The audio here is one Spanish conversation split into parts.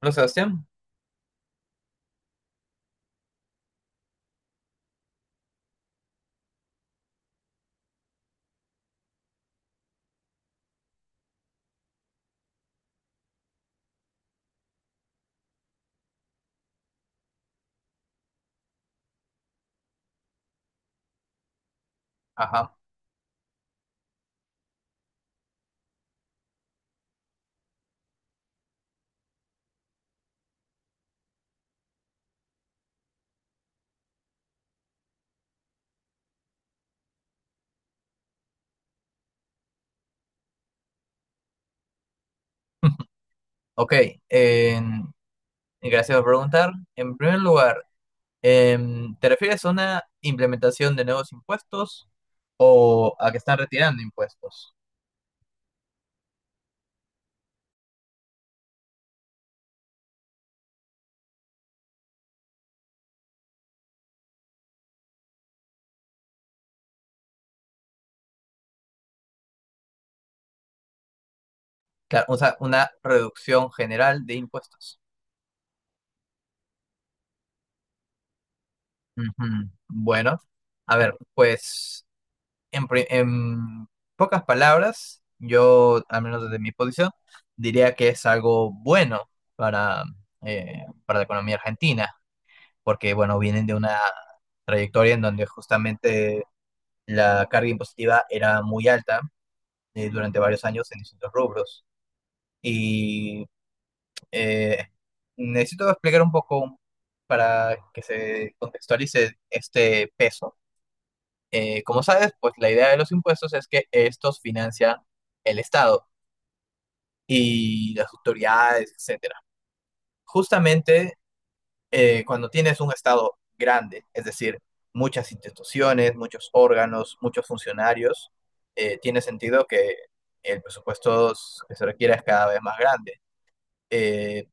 Hola, Sebastián. Ajá. Ok, em, y gracias por preguntar. En primer lugar, ¿te refieres a una implementación de nuevos impuestos o a que están retirando impuestos? Claro, o sea, una reducción general de impuestos. Ujú. Bueno, a ver, pues en pocas palabras, yo, al menos desde mi posición, diría que es algo bueno para, para la economía argentina porque bueno, vienen de una trayectoria en donde justamente la carga impositiva era muy alta durante varios años en distintos rubros. Y eh, necesito explicar un poco para que se contextualice este peso. Como sabes, pues la idea de los impuestos es que estos financian el Estado y las autoridades, etcétera. Justamente cuando tienes un Estado grande, es decir, muchas instituciones, muchos órganos, muchos funcionarios, tiene sentido que el presupuesto que se requiera es cada vez más grande eh,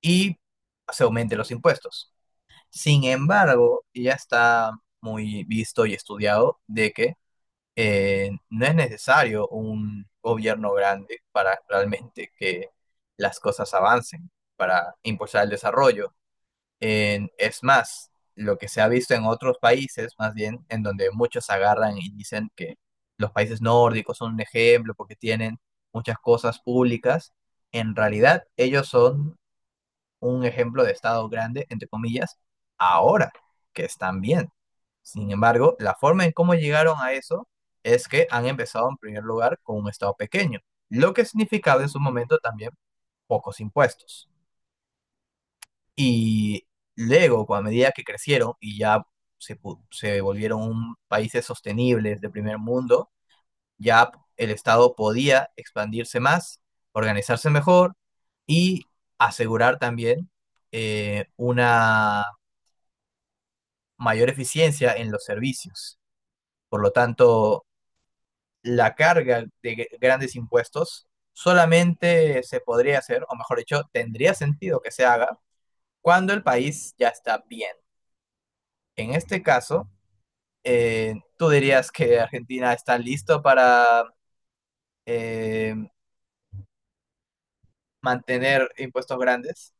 y se aumenten los impuestos. Sin embargo, ya está muy visto y estudiado de que no es necesario un gobierno grande para realmente que las cosas avancen, para impulsar el desarrollo. Es más, lo que se ha visto en otros países, más bien, en donde muchos agarran y dicen que los países nórdicos son un ejemplo porque tienen muchas cosas públicas, en realidad ellos son un ejemplo de Estado grande, entre comillas, ahora que están bien. Sin embargo, la forma en cómo llegaron a eso es que han empezado en primer lugar con un Estado pequeño, lo que significaba en su momento también pocos impuestos. Y luego, a medida que crecieron y ya se volvieron países sostenibles de primer mundo, ya el Estado podía expandirse más, organizarse mejor y asegurar también una mayor eficiencia en los servicios. Por lo tanto, la carga de grandes impuestos solamente se podría hacer, o mejor dicho, tendría sentido que se haga cuando el país ya está bien. En este caso, ¿tú dirías que Argentina está listo para eh, mantener impuestos grandes?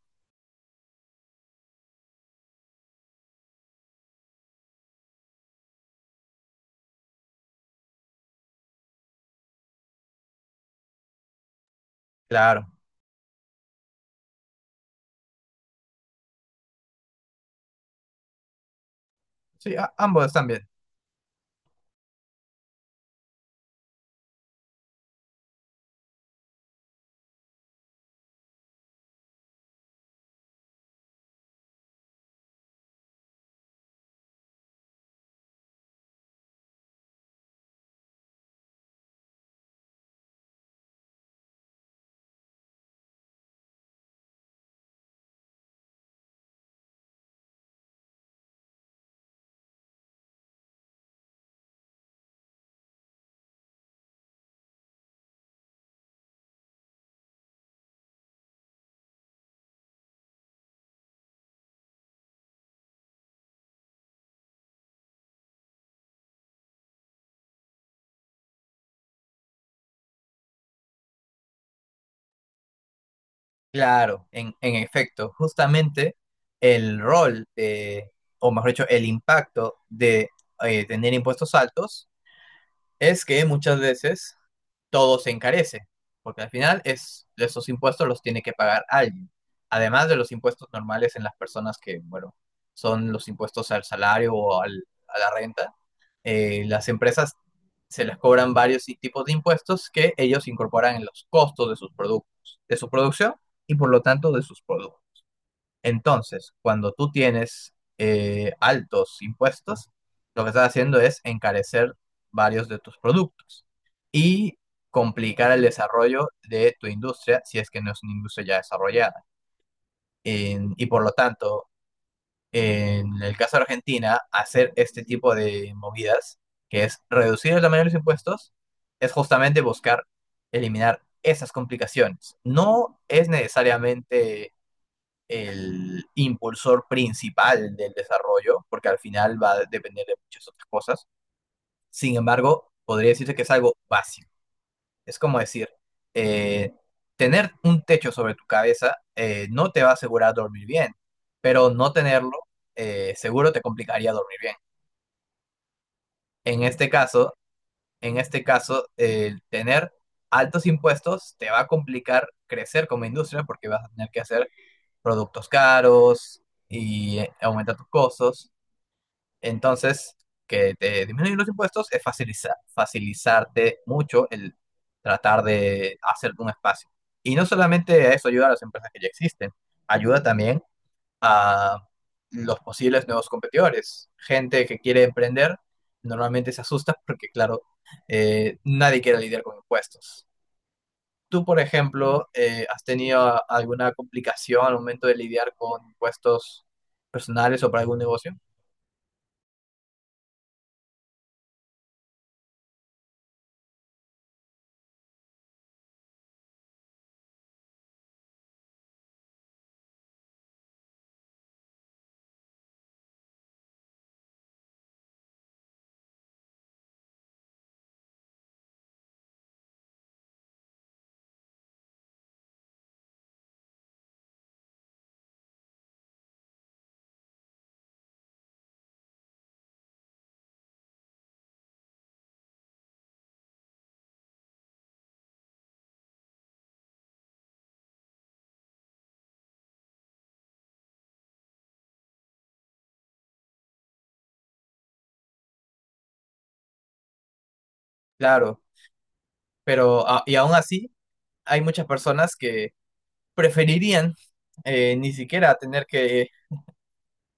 Claro, sí, ambos están bien. Claro, en efecto, justamente el rol de, o mejor dicho, el impacto de tener impuestos altos es que muchas veces todo se encarece, porque al final es, esos impuestos los tiene que pagar alguien, además de los impuestos normales en las personas que, bueno, son los impuestos al salario o a la renta las empresas se les cobran varios tipos de impuestos que ellos incorporan en los costos de sus productos, de su producción y por lo tanto de sus productos. Entonces, cuando tú tienes altos impuestos, lo que estás haciendo es encarecer varios de tus productos y complicar el desarrollo de tu industria si es que no es una industria ya desarrollada. Y por lo tanto, en el caso de Argentina, hacer este tipo de movidas, que es reducir el tamaño de los impuestos, es justamente buscar eliminar esas complicaciones. No es necesariamente el impulsor principal del desarrollo, porque al final va a depender de muchas otras cosas. Sin embargo, podría decirse que es algo básico. Es como decir, eh, tener un techo sobre tu cabeza no te va a asegurar dormir bien, pero no tenerlo seguro te complicaría dormir bien. En este caso, en este caso, el tener altos impuestos te va a complicar crecer como industria porque vas a tener que hacer productos caros y aumentar tus costos. Entonces, que te disminuyen los impuestos es facilitarte mucho el tratar de hacer un espacio. Y no solamente a eso ayuda a las empresas que ya existen, ayuda también a los posibles nuevos competidores. Gente que quiere emprender normalmente se asusta porque, claro, nadie quiere lidiar con impuestos. Tú, por ejemplo, ¿has tenido alguna complicación al momento de lidiar con impuestos personales o para algún negocio? Claro. Pero, y aún así, hay muchas personas que preferirían ni siquiera tener que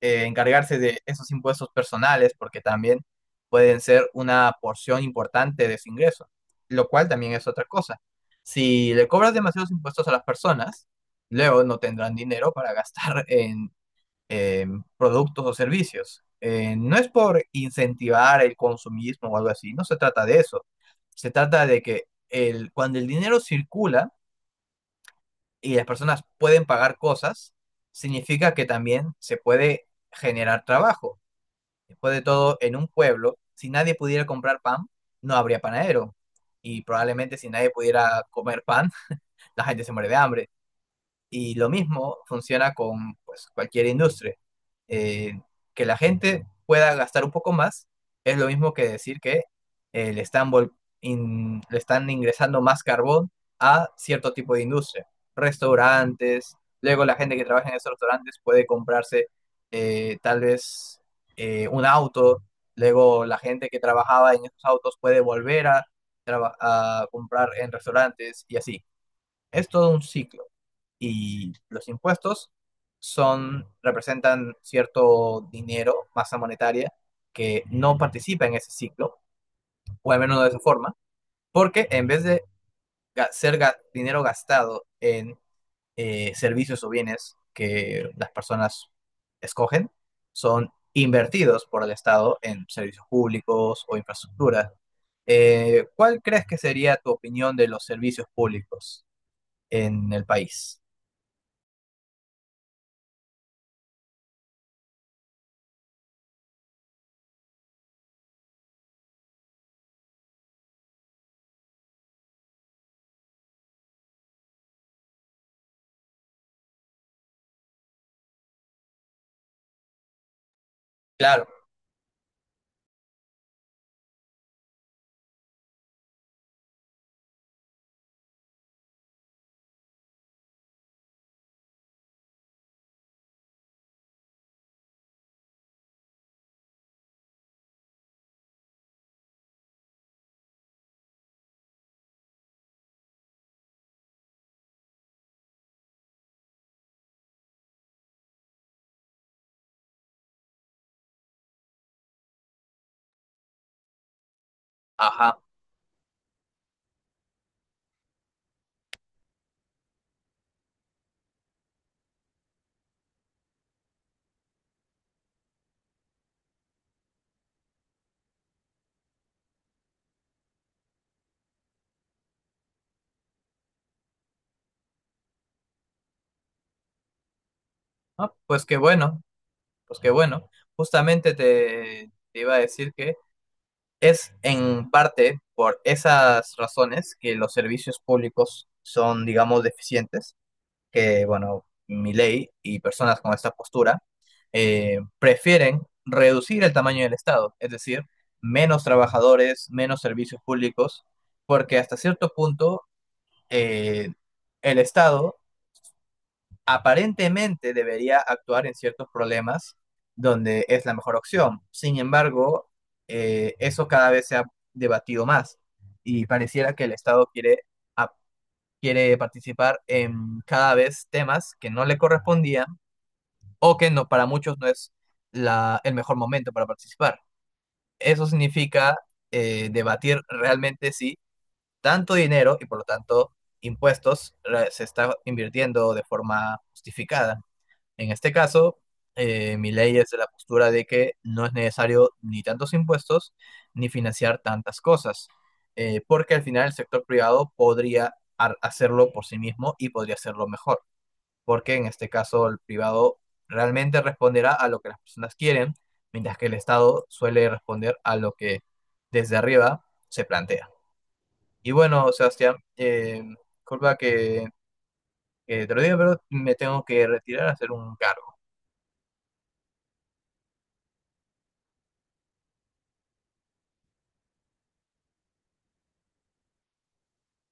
encargarse de esos impuestos personales, porque también pueden ser una porción importante de su ingreso, lo cual también es otra cosa. Si le cobras demasiados impuestos a las personas, luego no tendrán dinero para gastar en eh, productos o servicios. No es por incentivar el consumismo o algo así, no se trata de eso. Se trata de que el, cuando el dinero circula y las personas pueden pagar cosas, significa que también se puede generar trabajo. Después de todo, en un pueblo, si nadie pudiera comprar pan, no habría panadero. Y probablemente si nadie pudiera comer pan, la gente se muere de hambre. Y lo mismo funciona con pues, cualquier industria. Eh, que la gente pueda gastar un poco más es lo mismo que decir que eh, le están, vol- le están ingresando más carbón a cierto tipo de industria. Restaurantes, luego la gente que trabaja en esos restaurantes puede comprarse tal vez un auto, luego la gente que trabajaba en esos autos puede volver a, a comprar en restaurantes y así. Es todo un ciclo y los impuestos son, representan cierto dinero, masa monetaria, que no participa en ese ciclo, o al menos no de esa forma, porque en vez de ser dinero gastado en servicios o bienes que las personas escogen, son invertidos por el Estado en servicios públicos o infraestructura. ¿Cuál crees que sería tu opinión de los servicios públicos en el país? Claro, ajá. Ah, pues qué bueno, pues qué bueno. Justamente te, te iba a decir que es en parte por esas razones que los servicios públicos son, digamos, deficientes, que, bueno, ley y personas con esta postura prefieren reducir el tamaño del Estado, es decir, menos trabajadores, menos servicios públicos, porque hasta cierto punto eh, el Estado aparentemente debería actuar en ciertos problemas donde es la mejor opción. Sin embargo, eso cada vez se ha debatido más y pareciera que el Estado quiere, ap- quiere participar en cada vez temas que no le correspondían o que no, para muchos no es la, el mejor momento para participar. Eso significa debatir realmente si tanto dinero y por lo tanto se está invirtiendo de forma justificada. En este caso, mi ley es de la postura de que no es necesario ni tantos impuestos ni financiar tantas cosas, porque al final el sector privado podría hacerlo por sí mismo y podría hacerlo mejor, porque en este caso el privado realmente responderá a lo que las personas quieren, mientras que el Estado suele responder a lo que desde arriba se plantea. Y bueno, Sebastián, disculpa que te lo diga, pero me tengo que retirar a hacer un cargo.